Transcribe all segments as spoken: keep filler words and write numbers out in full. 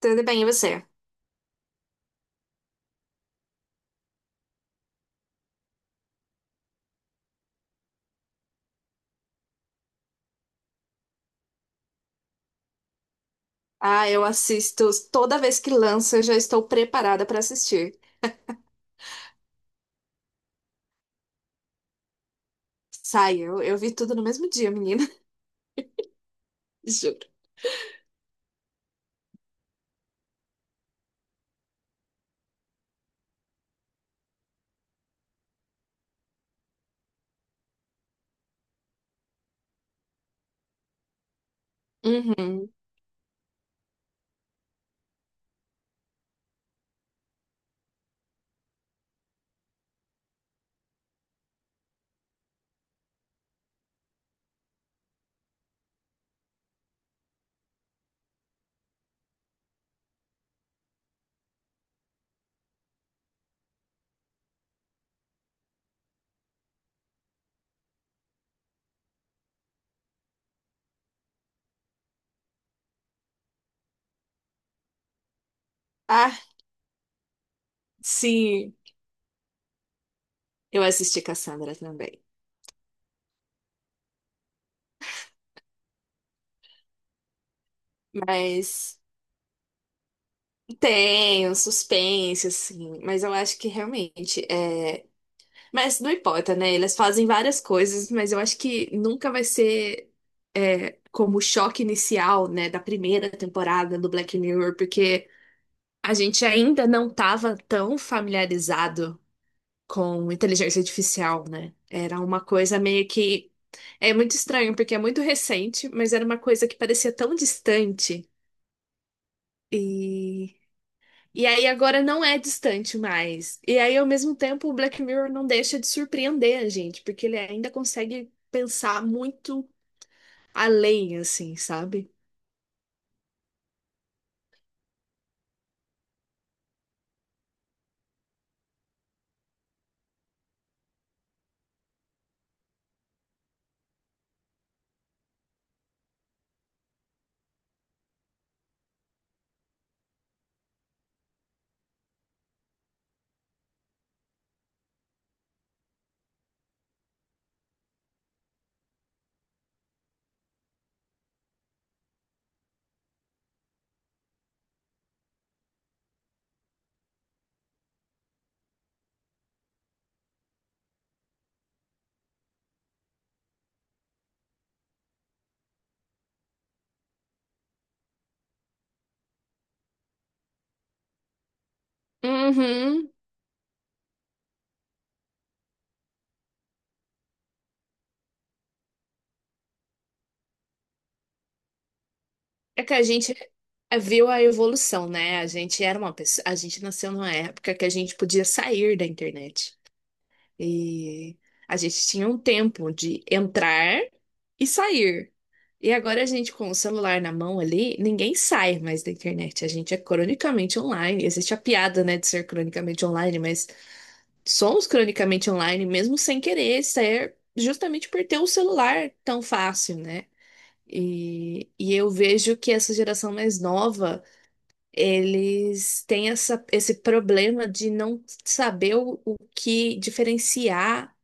Tudo bem, e você? Ah, eu assisto toda vez que lança, eu já estou preparada para assistir. Sai, eu, eu vi tudo no mesmo dia, menina. Juro. Uhum. Ah, sim, eu assisti Cassandra também. Mas Tem um suspense, assim, mas eu acho que realmente é. Mas não importa, né? Eles fazem várias coisas, mas eu acho que nunca vai ser é, como o choque inicial, né, da primeira temporada do Black Mirror, porque a gente ainda não estava tão familiarizado com inteligência artificial, né? Era uma coisa meio que. É muito estranho, porque é muito recente, mas era uma coisa que parecia tão distante. e E aí agora não é distante mais. E aí, ao mesmo tempo, o Black Mirror não deixa de surpreender a gente, porque ele ainda consegue pensar muito além, assim, sabe? Uhum. É que a gente viu a evolução, né? A gente era uma pessoa, a gente nasceu numa época que a gente podia sair da internet. E a gente tinha um tempo de entrar e sair. E agora a gente com o celular na mão ali, ninguém sai mais da internet. A gente é cronicamente online. Existe a piada, né, de ser cronicamente online, mas somos cronicamente online mesmo sem querer ser, justamente por ter o celular tão fácil, né? E, e eu vejo que essa geração mais nova, eles têm essa, esse problema de não saber o, o que diferenciar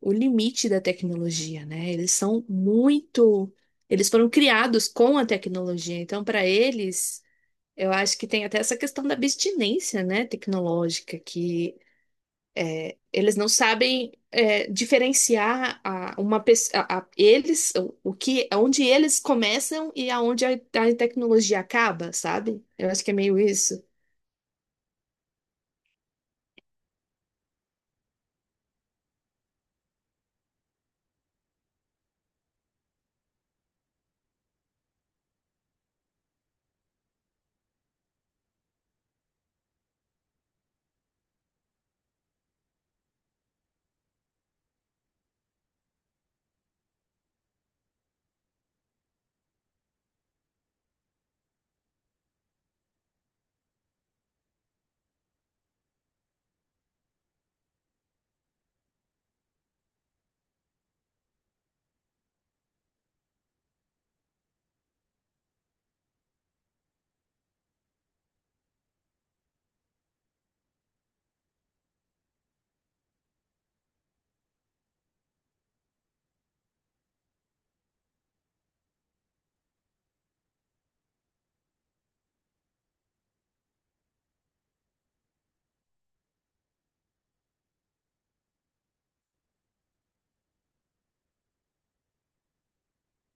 o limite da tecnologia, né? Eles são muito, eles foram criados com a tecnologia, então para eles, eu acho que tem até essa questão da abstinência, né, tecnológica, que eles não sabem é, diferenciar a, uma pessoa, a, a- eles, o, o que, onde eles começam e aonde a, a tecnologia acaba, sabe? Eu acho que é meio isso.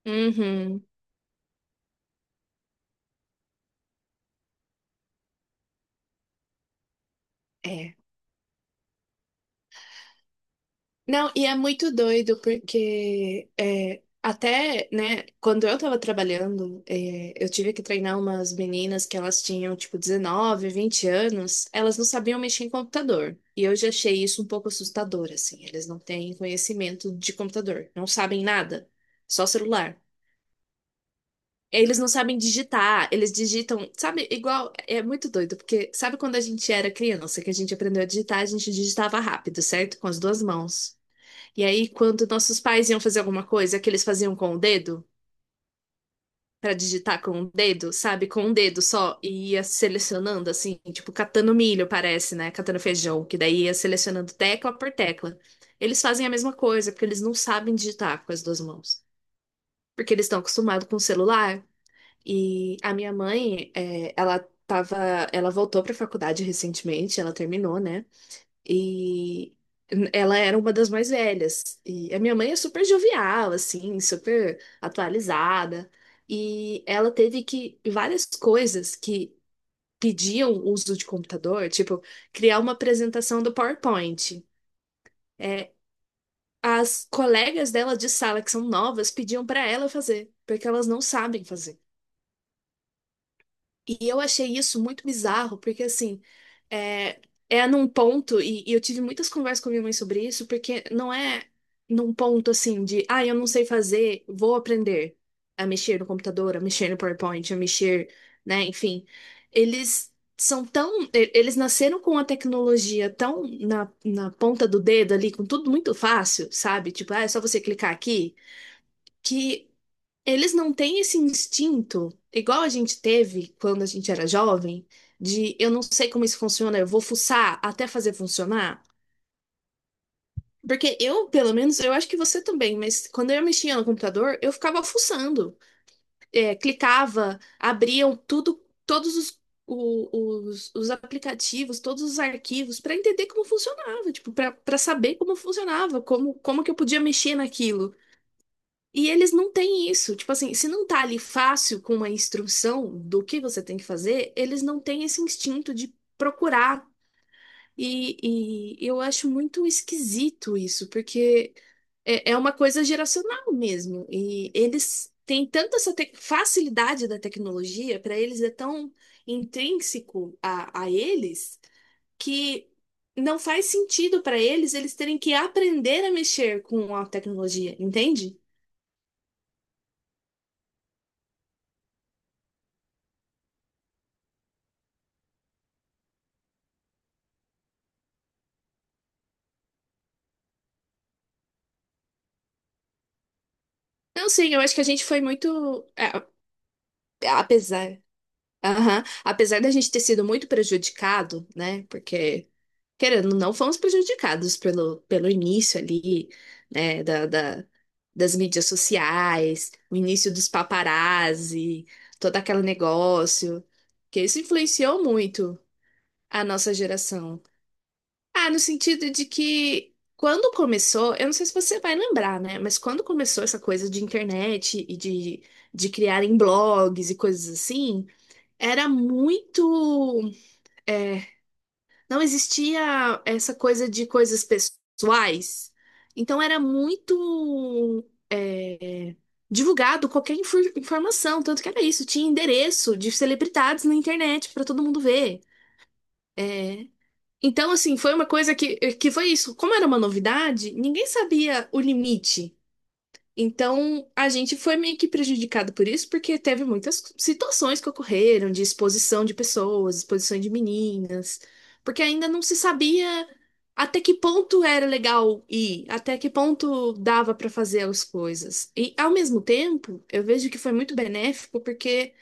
Uhum. É. Não, e é muito doido, porque é, até, né, quando eu tava trabalhando, é, eu tive que treinar umas meninas que elas tinham, tipo, dezenove, vinte anos, elas não sabiam mexer em computador. E eu já achei isso um pouco assustador, assim, eles não têm conhecimento de computador, não sabem nada, só celular. Eles não sabem digitar, eles digitam, sabe, igual, é muito doido, porque sabe quando a gente era criança, que a gente aprendeu a digitar, a gente digitava rápido, certo? Com as duas mãos. E aí, quando nossos pais iam fazer alguma coisa que eles faziam com o dedo, pra digitar com o dedo, sabe? Com um dedo só, e ia selecionando, assim, tipo, catando milho, parece, né? Catando feijão, que daí ia selecionando tecla por tecla. Eles fazem a mesma coisa, porque eles não sabem digitar com as duas mãos. Porque eles estão acostumados com o celular. E a minha mãe, é, ela tava, ela voltou pra faculdade recentemente, ela terminou, né? E ela era uma das mais velhas. E a minha mãe é super jovial, assim, super atualizada. E ela teve que várias coisas que pediam uso de computador, tipo criar uma apresentação do PowerPoint. É, as colegas dela de sala que são novas pediam para ela fazer, porque elas não sabem fazer. E eu achei isso muito bizarro, porque assim, é, é num ponto, e, e eu tive muitas conversas com a minha mãe sobre isso, porque não é num ponto assim de, ah, eu não sei fazer, vou aprender a mexer no computador, a mexer no PowerPoint, a mexer, né, enfim. Eles são tão, e- eles nasceram com a tecnologia tão na, na ponta do dedo ali, com tudo muito fácil, sabe? Tipo, ah, é só você clicar aqui, que eles não têm esse instinto, igual a gente teve quando a gente era jovem, de eu não sei como isso funciona, eu vou fuçar até fazer funcionar. Porque eu, pelo menos, eu acho que você também, mas quando eu mexia no computador, eu ficava fuçando. É, clicava, abriam tudo, todos os, o- os, os aplicativos, todos os arquivos, para entender como funcionava, tipo, para para saber como funcionava, como, como que eu podia mexer naquilo. E eles não têm isso. Tipo assim, se não tá ali fácil com uma instrução do que você tem que fazer, eles não têm esse instinto de procurar. E, e eu acho muito esquisito isso, porque é, é uma coisa geracional mesmo. E eles têm tanta essa te- facilidade da tecnologia, para eles é tão intrínseco a, a eles, que não faz sentido para eles eles terem que aprender a mexer com a tecnologia, entende? Não, sim, eu acho que a gente foi muito. É, é, apesar. Aham. Apesar da gente ter sido muito prejudicado, né? Porque, querendo, ou não fomos prejudicados pelo, pelo início ali, né? Da, da- das mídias sociais, o início dos paparazzi, todo aquele negócio. Que isso influenciou muito a nossa geração. Ah, no sentido de que quando começou, eu não sei se você vai lembrar, né? Mas quando começou essa coisa de internet e de, de criarem blogs e coisas assim, era muito. É, não existia essa coisa de coisas pessoais. Então era muito. É, divulgado qualquer infor- informação, tanto que era isso, tinha endereço de celebridades na internet para todo mundo ver. É, então, assim, foi uma coisa que, eh, que foi isso. Como era uma novidade, ninguém sabia o limite. Então, a gente foi meio que prejudicado por isso, porque teve muitas situações que ocorreram de exposição de pessoas, exposição de meninas, porque ainda não se sabia até que ponto era legal ir, até que ponto dava para fazer as coisas. E, ao mesmo tempo, eu vejo que foi muito benéfico, porque.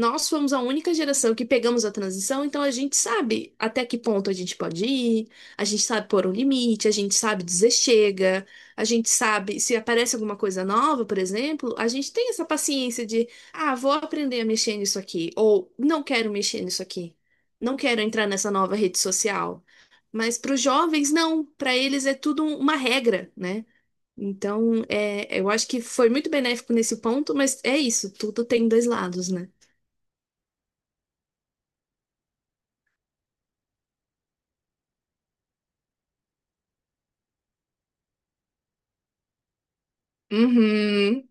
Nós fomos a única geração que pegamos a transição, então a gente sabe até que ponto a gente pode ir, a gente sabe pôr um limite, a gente sabe dizer chega, a gente sabe se aparece alguma coisa nova, por exemplo, a gente tem essa paciência de, ah, vou aprender a mexer nisso aqui, ou não quero mexer nisso aqui, não quero entrar nessa nova rede social. Mas para os jovens, não, para eles é tudo um- uma regra, né? Então, é, eu acho que foi muito benéfico nesse ponto, mas é isso, tudo tem dois lados, né? Uhum.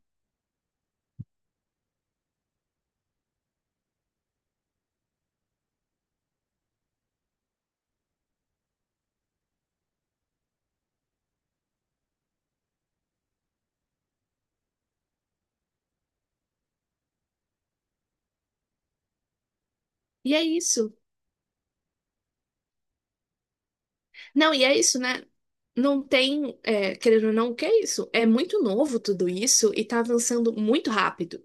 E é isso. Não, e é isso, né? Não tem, é, querendo ou não, o que é isso? É muito novo tudo isso e tá avançando muito rápido.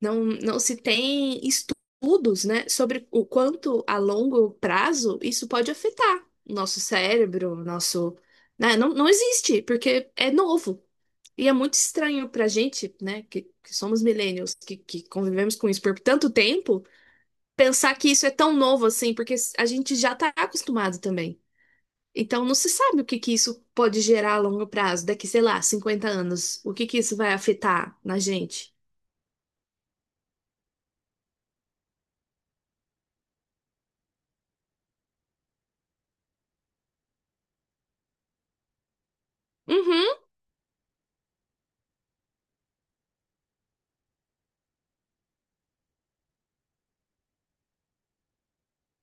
Não, não se tem estudos, né, sobre o quanto a longo prazo isso pode afetar o nosso cérebro, o nosso, né? Não, não existe, porque é novo. E é muito estranho pra gente, né, que, que somos millennials, que, que convivemos com isso por tanto tempo pensar que isso é tão novo assim, porque a gente já tá acostumado também. Então não se sabe o que que isso pode gerar a longo prazo, daqui, sei lá, cinquenta anos. O que que isso vai afetar na gente? Uhum.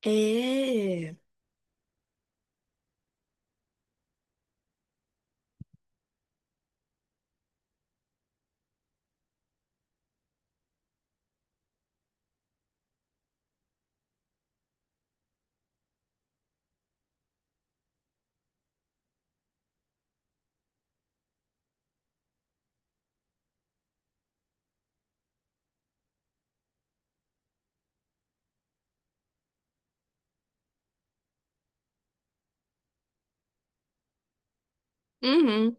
É. Uhum.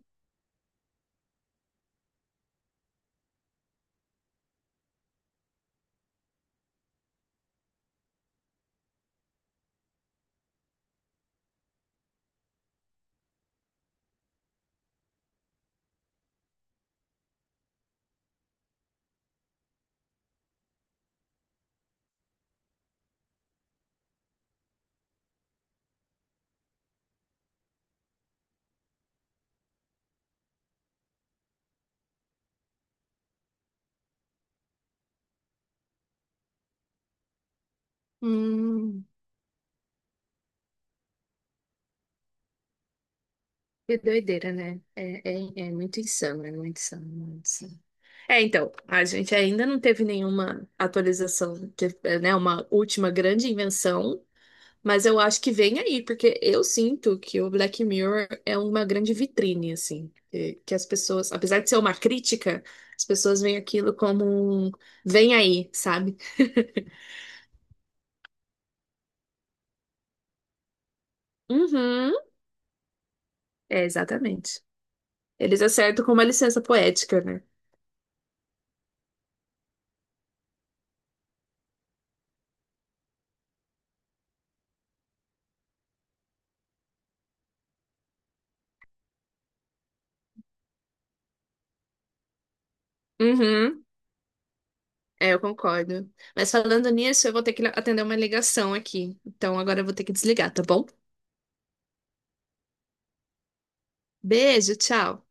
Hum. Que doideira, né? É, é, é muito insano, é muito insano, muito insano. É, então, a gente ainda não teve nenhuma atualização, teve, né, uma última grande invenção. Mas eu acho que vem aí, porque eu sinto que o Black Mirror é uma grande vitrine, assim. Que, que as pessoas, apesar de ser uma crítica, as pessoas veem aquilo como um vem aí, sabe? Uhum. É, exatamente. Eles acertam com uma licença poética, né? Uhum. É, eu concordo. Mas falando nisso, eu vou ter que atender uma ligação aqui. Então agora eu vou ter que desligar, tá bom? Beijo, tchau.